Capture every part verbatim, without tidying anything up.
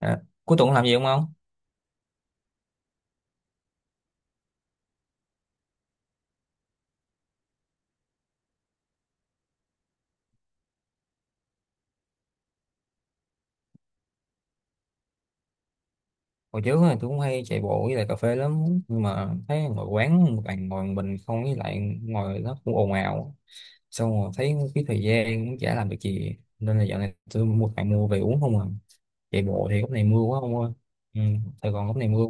À, cuối tuần làm gì không ông? Hồi trước thì tôi cũng hay chạy bộ với lại cà phê lắm, nhưng mà thấy ngồi quán một bàn ngồi một mình không, với lại ngồi nó cũng ồn ào, xong rồi thấy cái thời gian cũng chả làm được gì, nên là dạo này tôi mua bạn mua về uống không à. Chạy bộ thì góc này mưa quá ông ơi. Ừ, Sài Gòn góc này mưa.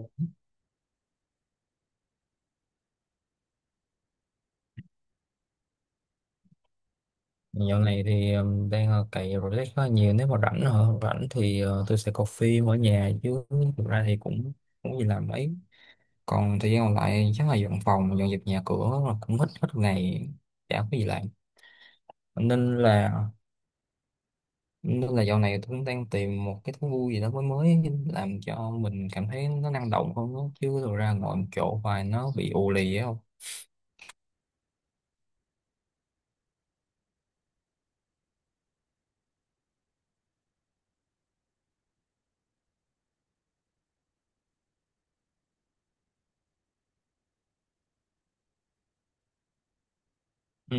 Dạo này thì um, đang ờ, cày relax khá nhiều, nếu mà rảnh hả rảnh thì ờ, tôi sẽ coi phim ở nhà chứ thực ra thì cũng không có gì làm mấy. Còn thời gian còn lại chắc là dọn phòng dọn dẹp nhà cửa là cũng hết hết ngày, chả có gì làm. Nên là nên là dạo này tôi cũng đang tìm một cái thú vui gì đó mới mới làm cho mình cảm thấy nó năng động hơn đó. Chứ rồi ra ngồi một chỗ hoài nó bị ù lì á không. Ừ.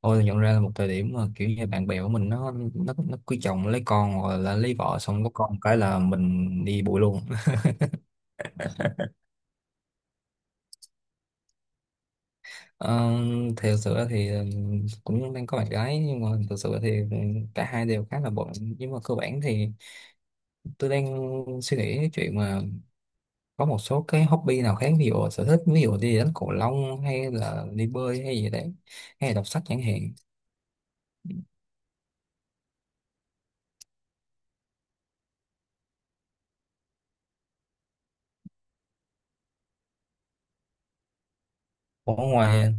Tôi nhận ra là một thời điểm mà kiểu như bạn bè của mình nó nó nó cưới chồng lấy con, hoặc là lấy vợ xong có con cái là mình đi bụi luôn. Ờ, thì thực sự ra thì ừ, cũng đang có bạn gái, nhưng mà thực sự thì ừ, cả hai đều khá là bận, nhưng mà cơ bản thì tôi đang suy nghĩ cái chuyện mà có một số cái hobby nào khác, ví dụ sở thích, ví dụ đi đánh cầu lông hay là đi bơi hay gì đấy, hay là đọc sách chẳng hạn. Ở ngoài.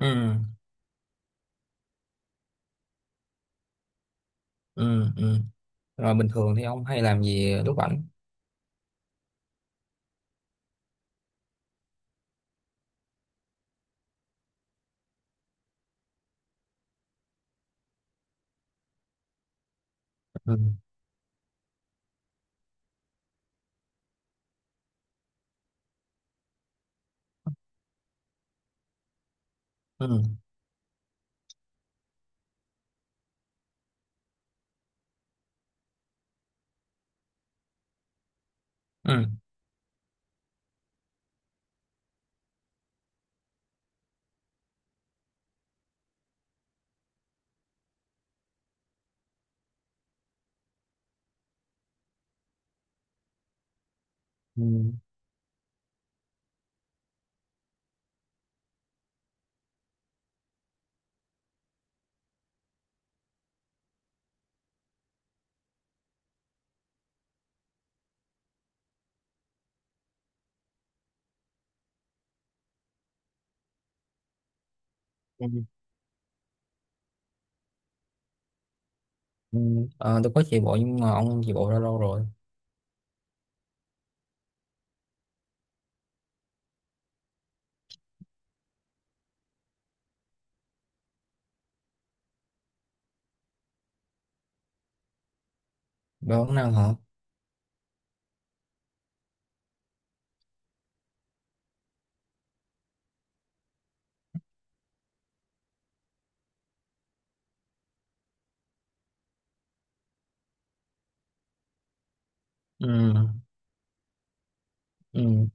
Ừ, ừ, ừ. Rồi bình thường thì ông hay làm gì lúc rảnh? Ừ, ừ, ừ, ừ, ừ. Ừ. Ờ, tôi có chạy bộ, nhưng mà ông chạy bộ ra lâu rồi? Bao năm hả? Ừ. Ừ.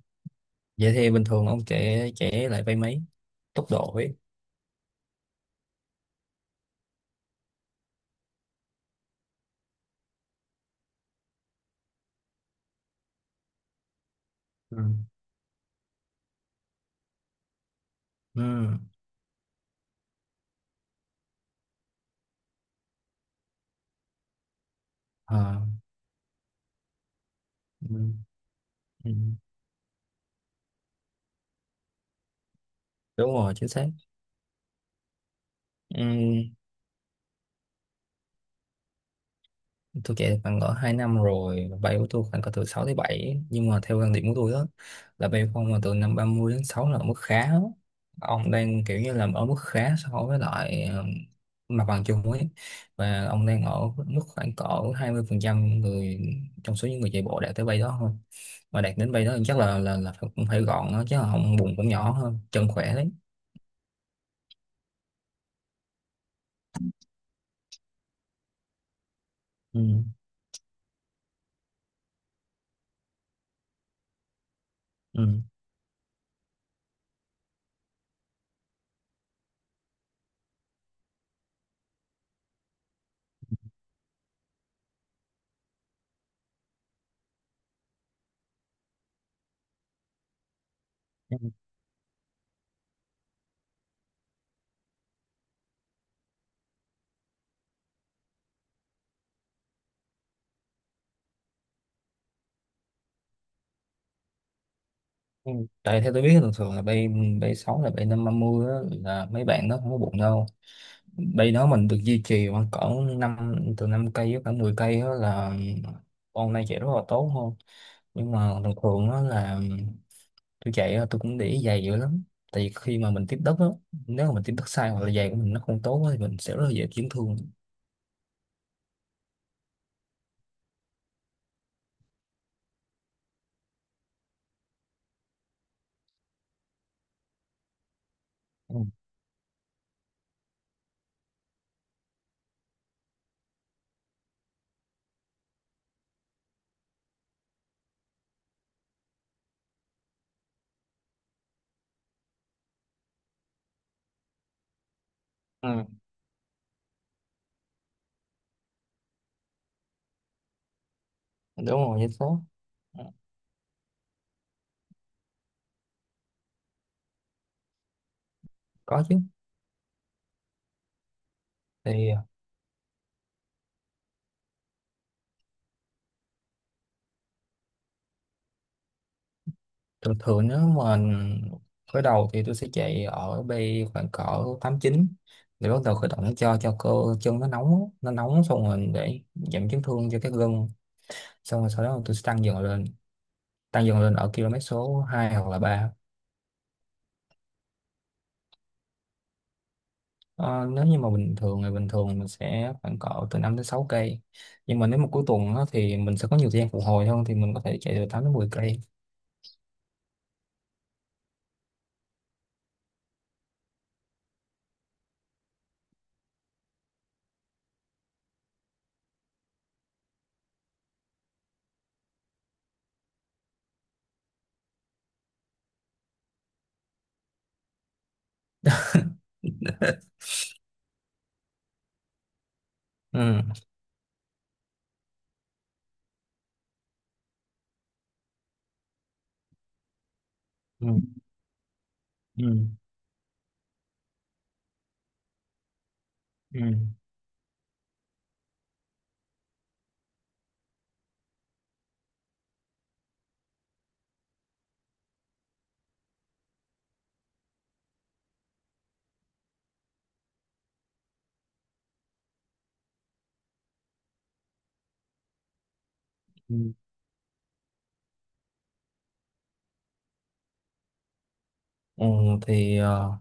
Vậy thì bình thường ông chạy chạy lại vay mấy tốc độ ấy? Ừ. Ừ. À. Ừ. Ừ. Đúng rồi, chính xác. Ừ. Tôi chạy khoảng cỡ hai năm rồi, bay của tôi khoảng cỡ từ sáu tới bảy, nhưng mà theo quan điểm của tôi đó là bay không mà từ năm ba mươi đến sáu là ở mức khá đó. Ông đang kiểu như là ở mức khá so với lại ờ, mặt bằng chung ấy, và ông đang ở mức khoảng cỡ hai mươi phần trăm người trong số những người chạy bộ đạt tới bay đó thôi. Mà đạt đến bay đó thì chắc là là là phải- cũng phải gọn đó, chứ không bụng cũng nhỏ hơn chân khỏe đấy. Ừ, ừ. Ừ. Tại theo tôi biết thường thường là bay bay sáu là bay năm ba mươi á, là mấy bạn nó không có bụng đâu. Bay đó mình được duy trì khoảng cỡ năm, từ năm cây với cả mười cây đó là con này chạy rất là tốt không. Nhưng mà thường thường đó là tôi chạy á, tôi cũng để ý giày dữ lắm, tại vì khi mà mình tiếp đất á, nếu mà mình tiếp đất sai hoặc là giày của mình nó không tốt á, thì mình sẽ rất là dễ chấn thương. Ừ. Ừ. Đúng rồi vậy tốt. Có chứ. Thì thường thường nếu mà khởi đầu thì tôi sẽ chạy ở bay khoảng cỡ tám chín, để bắt đầu khởi động cho cho cơ chân nó nóng, nó nóng xong rồi để giảm chấn thương cho các gân, xong rồi sau đó tôi sẽ tăng dần lên, tăng dần lên ở km số hai hoặc là ba. Ờ, nếu như mà bình thường ngày bình thường mình sẽ khoảng cỡ từ năm đến sáu cây, nhưng mà nếu mà cuối tuần á, thì mình sẽ có nhiều thời gian phục hồi hơn, thì mình có thể chạy từ tám đến mười cây. Ừ. Ừ. Ừ. Ừ. Ừ. Ừ. Thì ờ,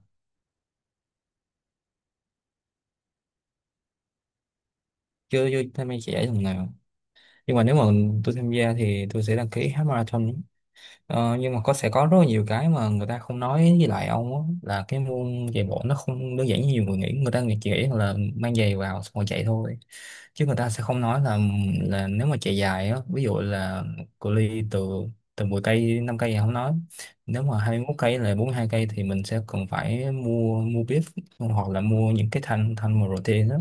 chưa chưa tham gia chạy thằng nào, nhưng mà nếu mà tôi tham gia thì tôi sẽ đăng ký half marathon. Ờ, nhưng mà có sẽ có rất là nhiều cái mà người ta không nói với lại ông á, là cái môn chạy bộ nó không đơn giản như nhiều người nghĩ, người ta nghĩ chỉ nghĩ là mang giày vào xong rồi chạy thôi. Chứ người ta sẽ không nói là là nếu mà chạy dài á, ví dụ là cự ly từ từ mười cây năm cây thì không nói, nếu mà hai mươi mốt cây là bốn mươi hai cây thì mình sẽ cần phải mua mua bib, hoặc là mua những cái thanh thanh mà protein đó.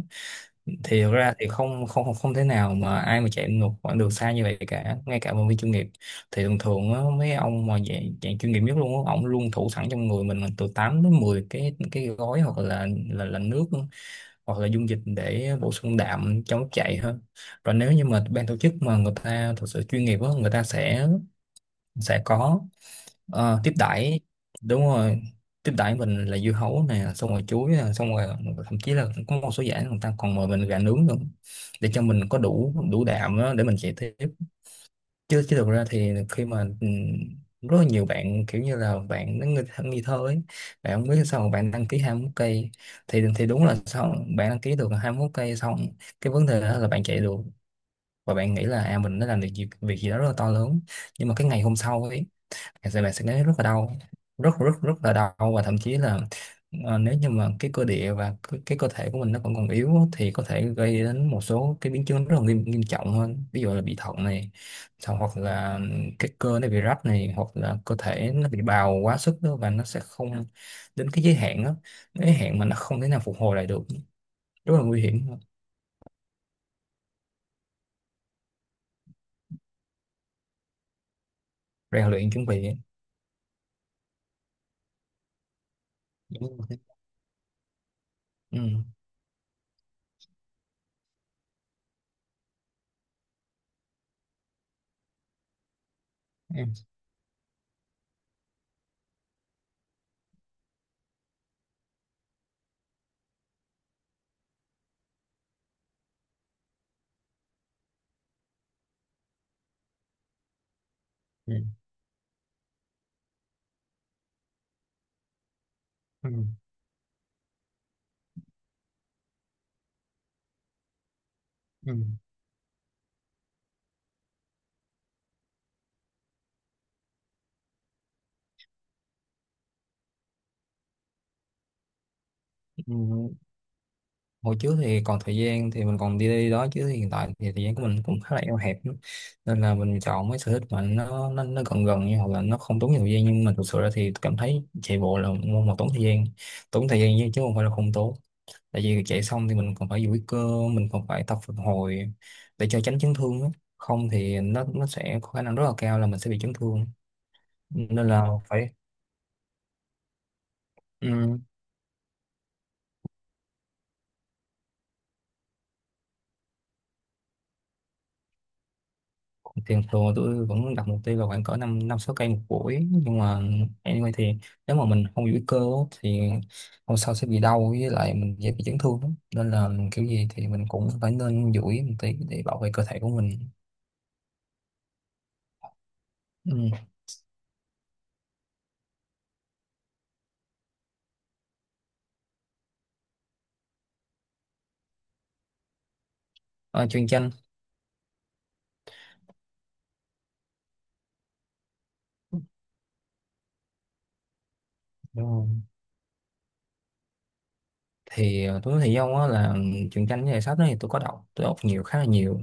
Thì thực ra thì không không không không thể nào mà ai mà chạy một quãng đường xa như vậy cả, ngay cả vận động viên chuyên nghiệp. Thì thường thường á, mấy ông mà dạng, dạng chuyên nghiệp nhất luôn á, ổng luôn thủ sẵn trong người mình là từ tám đến mười cái cái gói, hoặc là là là nước hoặc là dung dịch để bổ sung đạm trong lúc chạy hơn. Rồi nếu như mà ban tổ chức mà người ta thật sự chuyên nghiệp á, người ta sẽ sẽ có. Ờ, tiếp đãi. Đúng rồi, tiếp đãi mình là dưa hấu nè, xong rồi chuối nè, xong rồi thậm chí là có một số giảng người ta còn mời mình gà nướng nữa, để cho mình có đủ đủ đạm á, để mình chạy tiếp. Chứ chứ thực ra thì khi mà ừm, rất là nhiều bạn kiểu như là bạn nó nghi, nghi thơ ấy, bạn không biết sao mà bạn đăng ký hai mươi mốt cây. thì thì đúng là sao bạn đăng ký được hai mươi mốt cây, xong cái vấn đề đó là bạn chạy được, và bạn nghĩ là à mình đã làm được việc, việc gì đó rất là to lớn. Nhưng mà cái ngày hôm sau ấy thật sự bạn sẽ thấy rất là đau, rất rất rất là đau, và thậm chí là ờ, nếu như mà cái cơ địa và cái, cái cơ thể của mình nó còn còn yếu á, thì có thể gây đến một số cái biến chứng rất là nghiêm nghiêm trọng hơn, ví dụ là bị thận này, xong hoặc là cái cơ nó bị rách này, hoặc là cơ thể nó bị bào quá sức đó, và nó sẽ không đến cái giới hạn đó, giới hạn mà nó không thể nào phục hồi lại được, rất là nguy hiểm. Rèn luyện chuẩn bị. Ừ. Ừ. Ừ. Em. Ừ. Ừ. Ừ. Hồi trước thì còn thời gian thì mình còn đi đi đó, chứ hiện tại thì thời gian của mình cũng khá là eo hẹp lắm. Nên là mình chọn mấy sở thích mà nó nó, nó gần gần như, hoặc là nó không tốn nhiều thời gian, nhưng mà thực sự ra thì cảm thấy chạy bộ là môn mà tốn thời gian, tốn thời gian chứ chứ không phải là không tốn. Tại vì chạy xong thì mình còn phải duỗi cơ, mình còn phải tập phục hồi để cho tránh chấn thương á. Không thì nó nó sẽ có khả năng rất là cao là mình sẽ bị chấn thương, nên là phải... Ừ, thường thường tôi vẫn đặt mục tiêu là khoảng cỡ năm năm sáu cây một buổi, nhưng mà anyway thì nếu mà mình không giữ cơ á, thì hôm sau sẽ bị đau với lại mình dễ bị chấn thương lắm. Nên là kiểu gì thì mình cũng phải nên duỗi một tí để bảo vệ cơ thể của mình. Ừ. À, truyện tranh. Đúng rồi. Thì ờ, tôi nói thì do á là truyện tranh với lại sách đó thì tôi có đọc, tôi đọc nhiều khá là nhiều.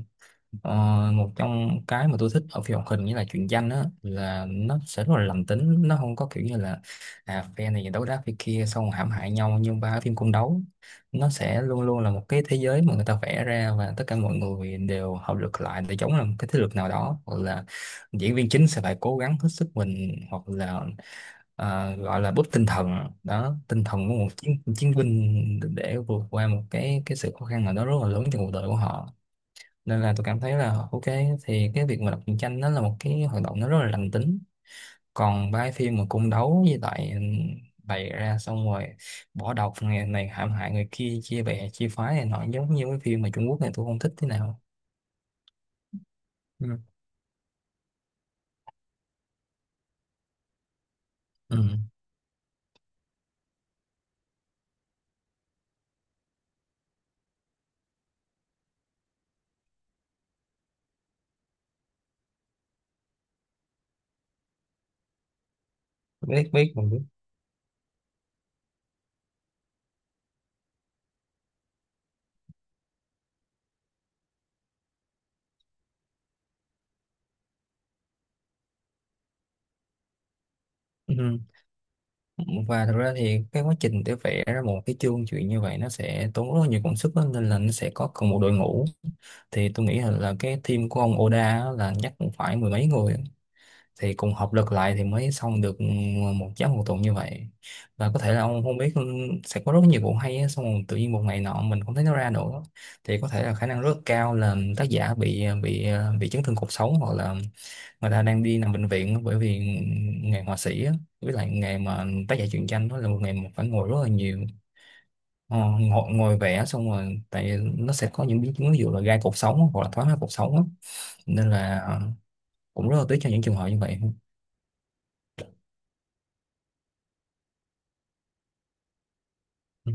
Ờ, một trong cái mà tôi thích ở phim hoạt hình như là truyện tranh á là nó sẽ rất là lành tính, nó không có kiểu như là à phe này đấu đá phe kia xong rồi hãm hại nhau nhưng ba phim cung đấu. Nó sẽ luôn luôn là một cái thế giới mà người ta vẽ ra, và tất cả mọi người đều hợp lực lại để chống lại một cái thế lực nào đó, hoặc là diễn viên chính sẽ phải cố gắng hết sức mình, hoặc là à, gọi là búp tinh thần đó, tinh thần của một chiến chiến binh để vượt qua một cái cái sự khó khăn nào đó rất là lớn trong cuộc đời của họ. Nên là tôi cảm thấy là ok, thì cái việc mà đọc truyện tranh nó là một cái hoạt động nó rất là lành tính. Còn ba cái phim mà cung đấu với lại bày ra xong rồi bỏ độc người này, hãm hại người kia, chia bè chia phái này nọ, giống như cái phim mà Trung Quốc này, tôi không thích thế nào. Ừ. Ừ. Biết biết mình biết. Ừ. Và thật ra thì cái quá trình để vẽ ra một cái chương chuyện như vậy nó sẽ tốn rất là nhiều công sức đó, nên là nó sẽ có cần một đội ngũ. Thì tôi nghĩ là, là cái team của ông Oda á, là chắc cũng phải mười mấy người, thì cùng hợp lực lại thì mới xong được một giấc một tuần như vậy. Và có thể là ông không biết, sẽ có rất nhiều vụ hay á, xong rồi tự nhiên một ngày nọ mình không thấy nó ra nữa, thì có thể là khả năng rất cao là tác giả bị bị bị chấn thương cột sống, hoặc là người ta đang đi nằm bệnh viện á, bởi vì nghề họa sĩ á, với lại nghề mà tác giả truyện tranh đó là một nghề mà phải ngồi rất là nhiều. Ờ, ngồi, ngồi vẽ xong rồi tại nó sẽ có những biến chứng, ví dụ là gai cột sống hoặc là thoái hóa cột sống á. Nên là ờ, cũng rất là tiếc cho những trường hợp như vậy. Ừ.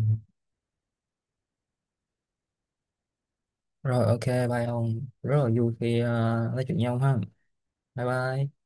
Rồi ok bye ông. Rất là vui khi ờ, nói chuyện với ông ha. Bye bye.